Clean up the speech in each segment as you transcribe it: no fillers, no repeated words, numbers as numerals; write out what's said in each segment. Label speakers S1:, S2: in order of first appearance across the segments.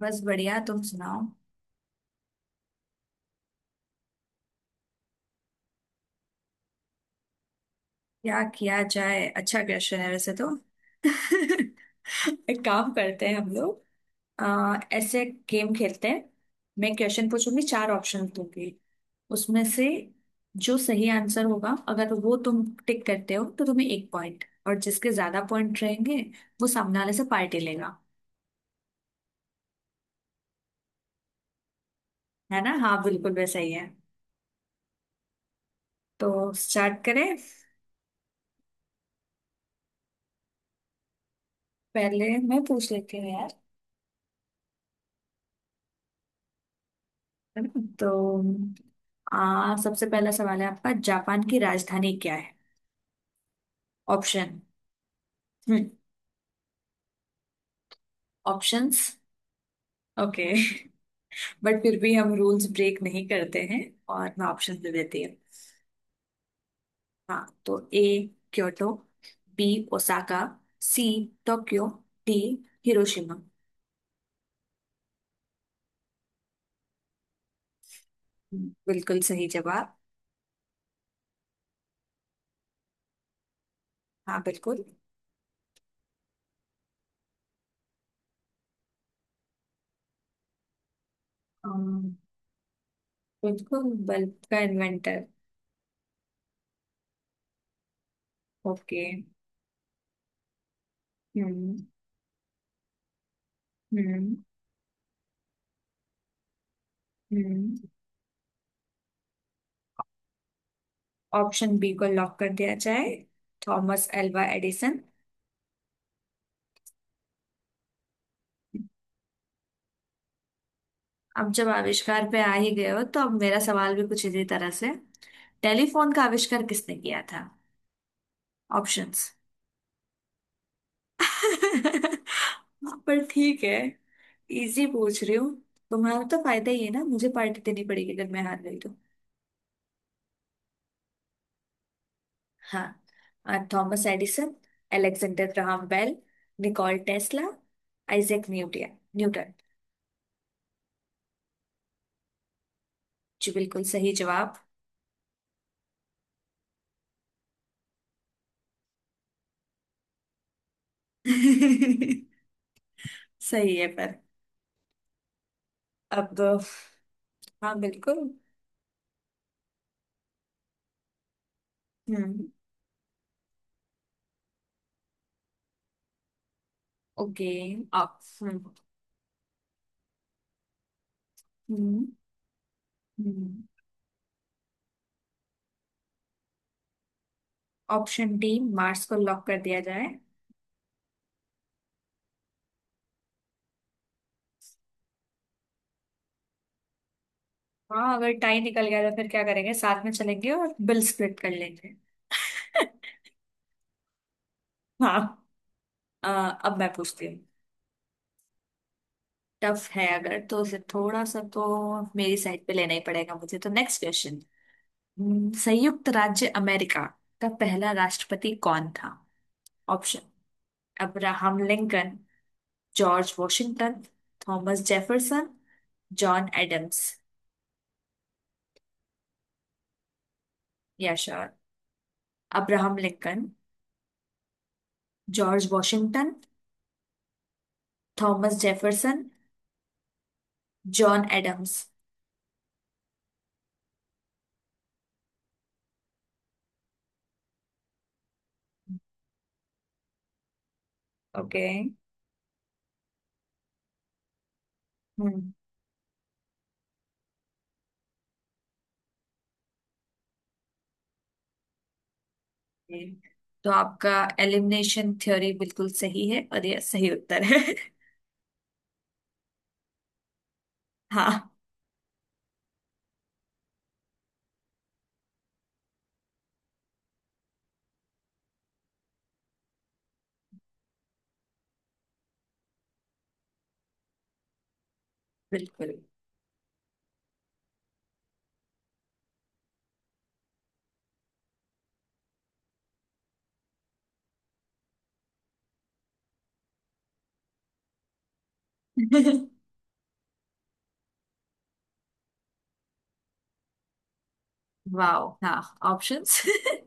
S1: बस बढ़िया। तुम सुनाओ। क्या किया जाए? अच्छा क्वेश्चन है वैसे तो। एक काम करते हैं हम लोग, ऐसे गेम खेलते हैं। मैं क्वेश्चन पूछूंगी, चार ऑप्शन दूंगी। उसमें से जो सही आंसर होगा, अगर वो तुम टिक करते हो तो तुम्हें एक पॉइंट। और जिसके ज्यादा पॉइंट रहेंगे वो सामने वाले से पार्टी लेगा। है ना? हाँ, बिल्कुल वैसा ही है। तो स्टार्ट करें? पहले मैं पूछ लेती हूँ यार। है ना? तो सबसे पहला सवाल है आपका, जापान की राजधानी क्या है? Option. Hmm. Options. Okay. But फिर भी हम रूल्स ब्रेक नहीं करते हैं। और मैं ऑप्शन दे देती हूँ। हाँ, तो A Kyoto, B Osaka, C Tokyo, D Hiroshima. बिल्कुल सही जवाब। हाँ, बिल्कुल। अम, बिल्कुल। बल्ब का इन्वेंटर। ओके। हम्म। हम्म। हम्म। ऑप्शन बी को लॉक कर दिया जाए। Thomas Alva Edison. अब जब आविष्कार पे आ ही गए हो तो अब मेरा सवाल भी कुछ इसी तरह से। टेलीफोन का आविष्कार किसने किया था? ऑप्शंस। पर ठीक है। इजी पूछ रही हूँ। तुम्हारा तो फायदा ही है ना, मुझे पार्टी देनी पड़ेगी अगर मैं हार गई तो। हाँ, Thomas Edison, Alexander Graham Bell, Nikola Tesla, Isaac Newton Newton. Ji, बिल्कुल सही जवाब। सही है पर। अब हाँ, बिल्कुल। हम्म। ओके। आप। हम्म। हम्म। हम्म। ऑप्शन डी मार्स को लॉक कर दिया जाए। हाँ, अगर टाई निकल गया तो फिर क्या करेंगे? साथ में चलेंगे और बिल स्प्लिट कर लेंगे। हाँ। अ, अब मैं पूछती हूँ। टफ है अगर तो उसे थोड़ा सा तो मेरी साइड पे लेना ही पड़ेगा मुझे। तो नेक्स्ट क्वेश्चन। संयुक्त राज्य अमेरिका का पहला राष्ट्रपति कौन था? Option: Abraham Lincoln, George Washington, Thomas Jefferson, John Adams. यशर। Abraham Lincoln. George Washington. Thomas Jefferson. John Adams. Okay. Hmm. Okay. Hmm. तो आपका एलिमिनेशन थ्योरी बिल्कुल सही है, और यह सही उत्तर है। हाँ, बिल्कुल। वाओ, हाँ। ऑप्शंस।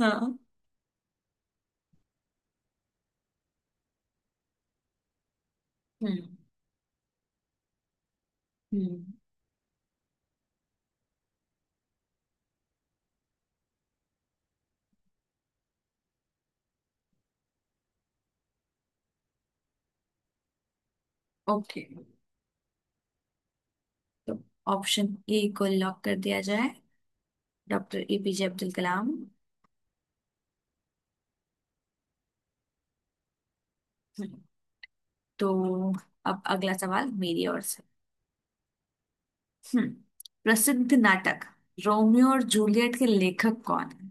S1: हाँ। हम्म। हम्म। ओके, तो ऑप्शन ए को लॉक कर दिया जाए। Doctor APJ Abdul Kalam. हम्म, तो अब अगला सवाल मेरी ओर से। हम्म प्रसिद्ध नाटक रोमियो और जूलियट के लेखक कौन है?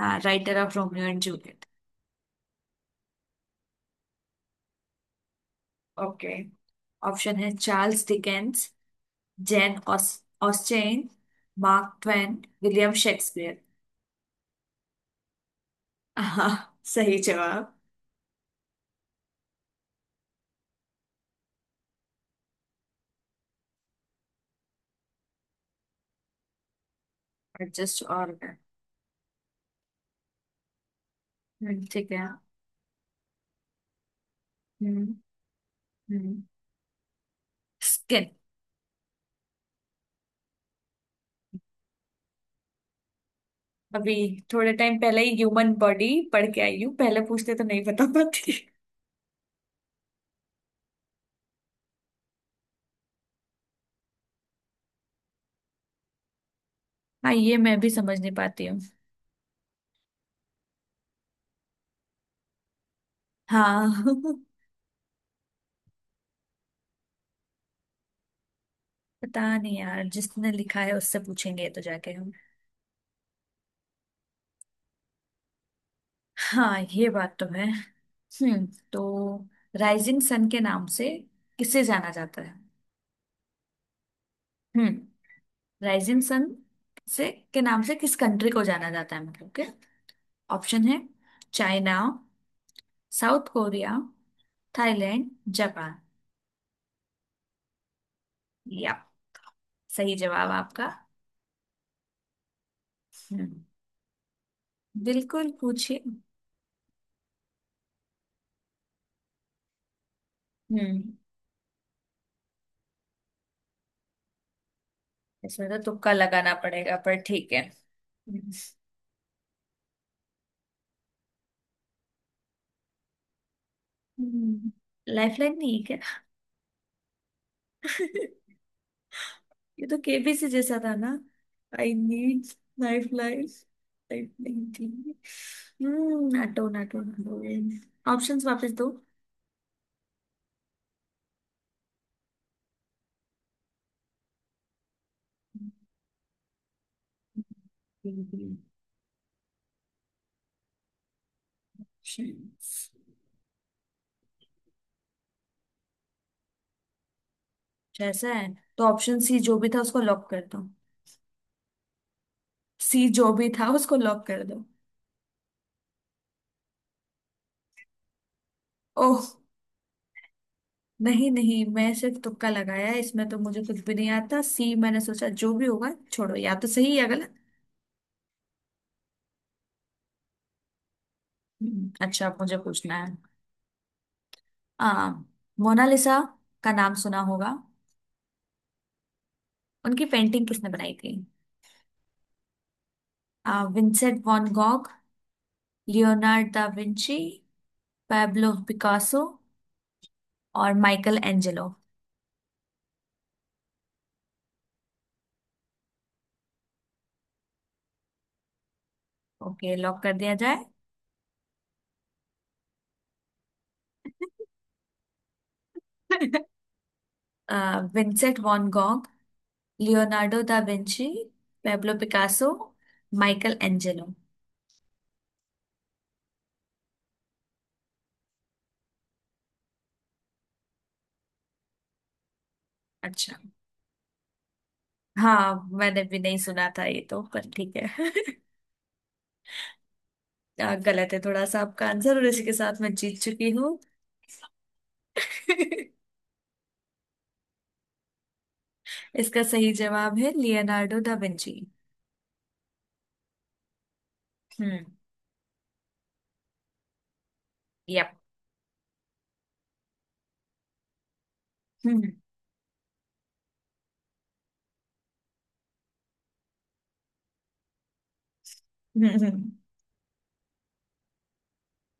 S1: हाँ, writer of Romeo and Juliet. Okay. Option है: चार्ल्स डिकेंस, जैन ऑस Austen, Mark Twain, William Shakespeare. हाँ, सही जवाब। एडजस्ट और है। ठीक है। हम्म। हम्म स्किन। अभी थोड़े टाइम पहले ही ह्यूमन बॉडी पढ़ के आई हूँ। पहले पूछते तो नहीं बता पाती। हाँ, ये मैं भी समझ नहीं पाती हूँ। हाँ। पता नहीं यार, जिसने लिखा है उससे पूछेंगे तो जाके हम। हाँ, ये बात तो है। हम्म तो राइजिंग सन के नाम से किसे जाना जाता है? हम्म। Rising sun. से के नाम से किस कंट्री को जाना जाता है, मतलब के। ऑप्शन है: China, South Korea, Thailand, Japan. या। सही जवाब आपका। हम्म बिल्कुल पूछिए। हम्म इसमें तो तुक्का लगाना पड़ेगा, पर ठीक है। हम्म, लाइफलाइन नहीं है। क्या? ये तो केबीसी जैसा था ना? I need life. Life life नहीं थी। हम्म। नाटो नाटो नाटो, ऑप्शंस वापस दो। Options. जैसा है, तो ऑप्शन सी जो भी था उसको लॉक कर दो। सी जो भी था उसको लॉक कर दो। ओह। नहीं नहीं, मैं सिर्फ तुक्का लगाया है, इसमें तो मुझे कुछ भी नहीं आता। सी मैंने सोचा जो भी होगा, छोड़ो, या तो सही या गलत। अच्छा, अब मुझे पूछना है। आ मोनालिसा का नाम सुना होगा। उनकी पेंटिंग किसने बनाई थी? Vincent van Gogh, Leonardo da Vinci, Pablo Picasso और माइकल एंजेलो। ओके, लॉक कर दिया जाए। Vincent van Gogh, Leonardo da Vinci, Pablo Picasso, Michelangelo. अच्छा। हाँ, मैंने भी नहीं सुना था ये तो, पर ठीक है। गलत है थोड़ा सा आपका आंसर, और इसी के साथ मैं जीत चुकी हूँ। इसका सही जवाब है लियोनार्डो दा विंची। हम्म। यप। हम्म। हम्म। हम्म।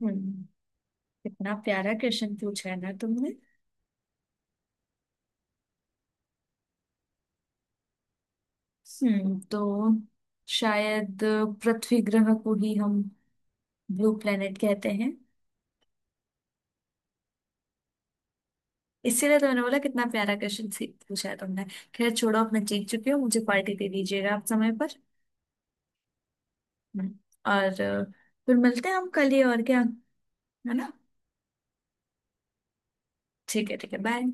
S1: हम्म। कितना प्यारा क्वेश्चन पूछा है ना तुमने। तो शायद पृथ्वी ग्रह को ही हम ब्लू प्लेनेट कहते हैं। इसीलिए तुमने बोला कितना प्यारा क्वेश्चन पूछा है तुमने। खैर छोड़ो, अब मैं जीत चुकी हूँ, मुझे पार्टी दे दीजिएगा आप समय पर। हम्म, और फिर मिलते हैं हम कल ही और क्या है ना। ठीक है, ठीक है, बाय।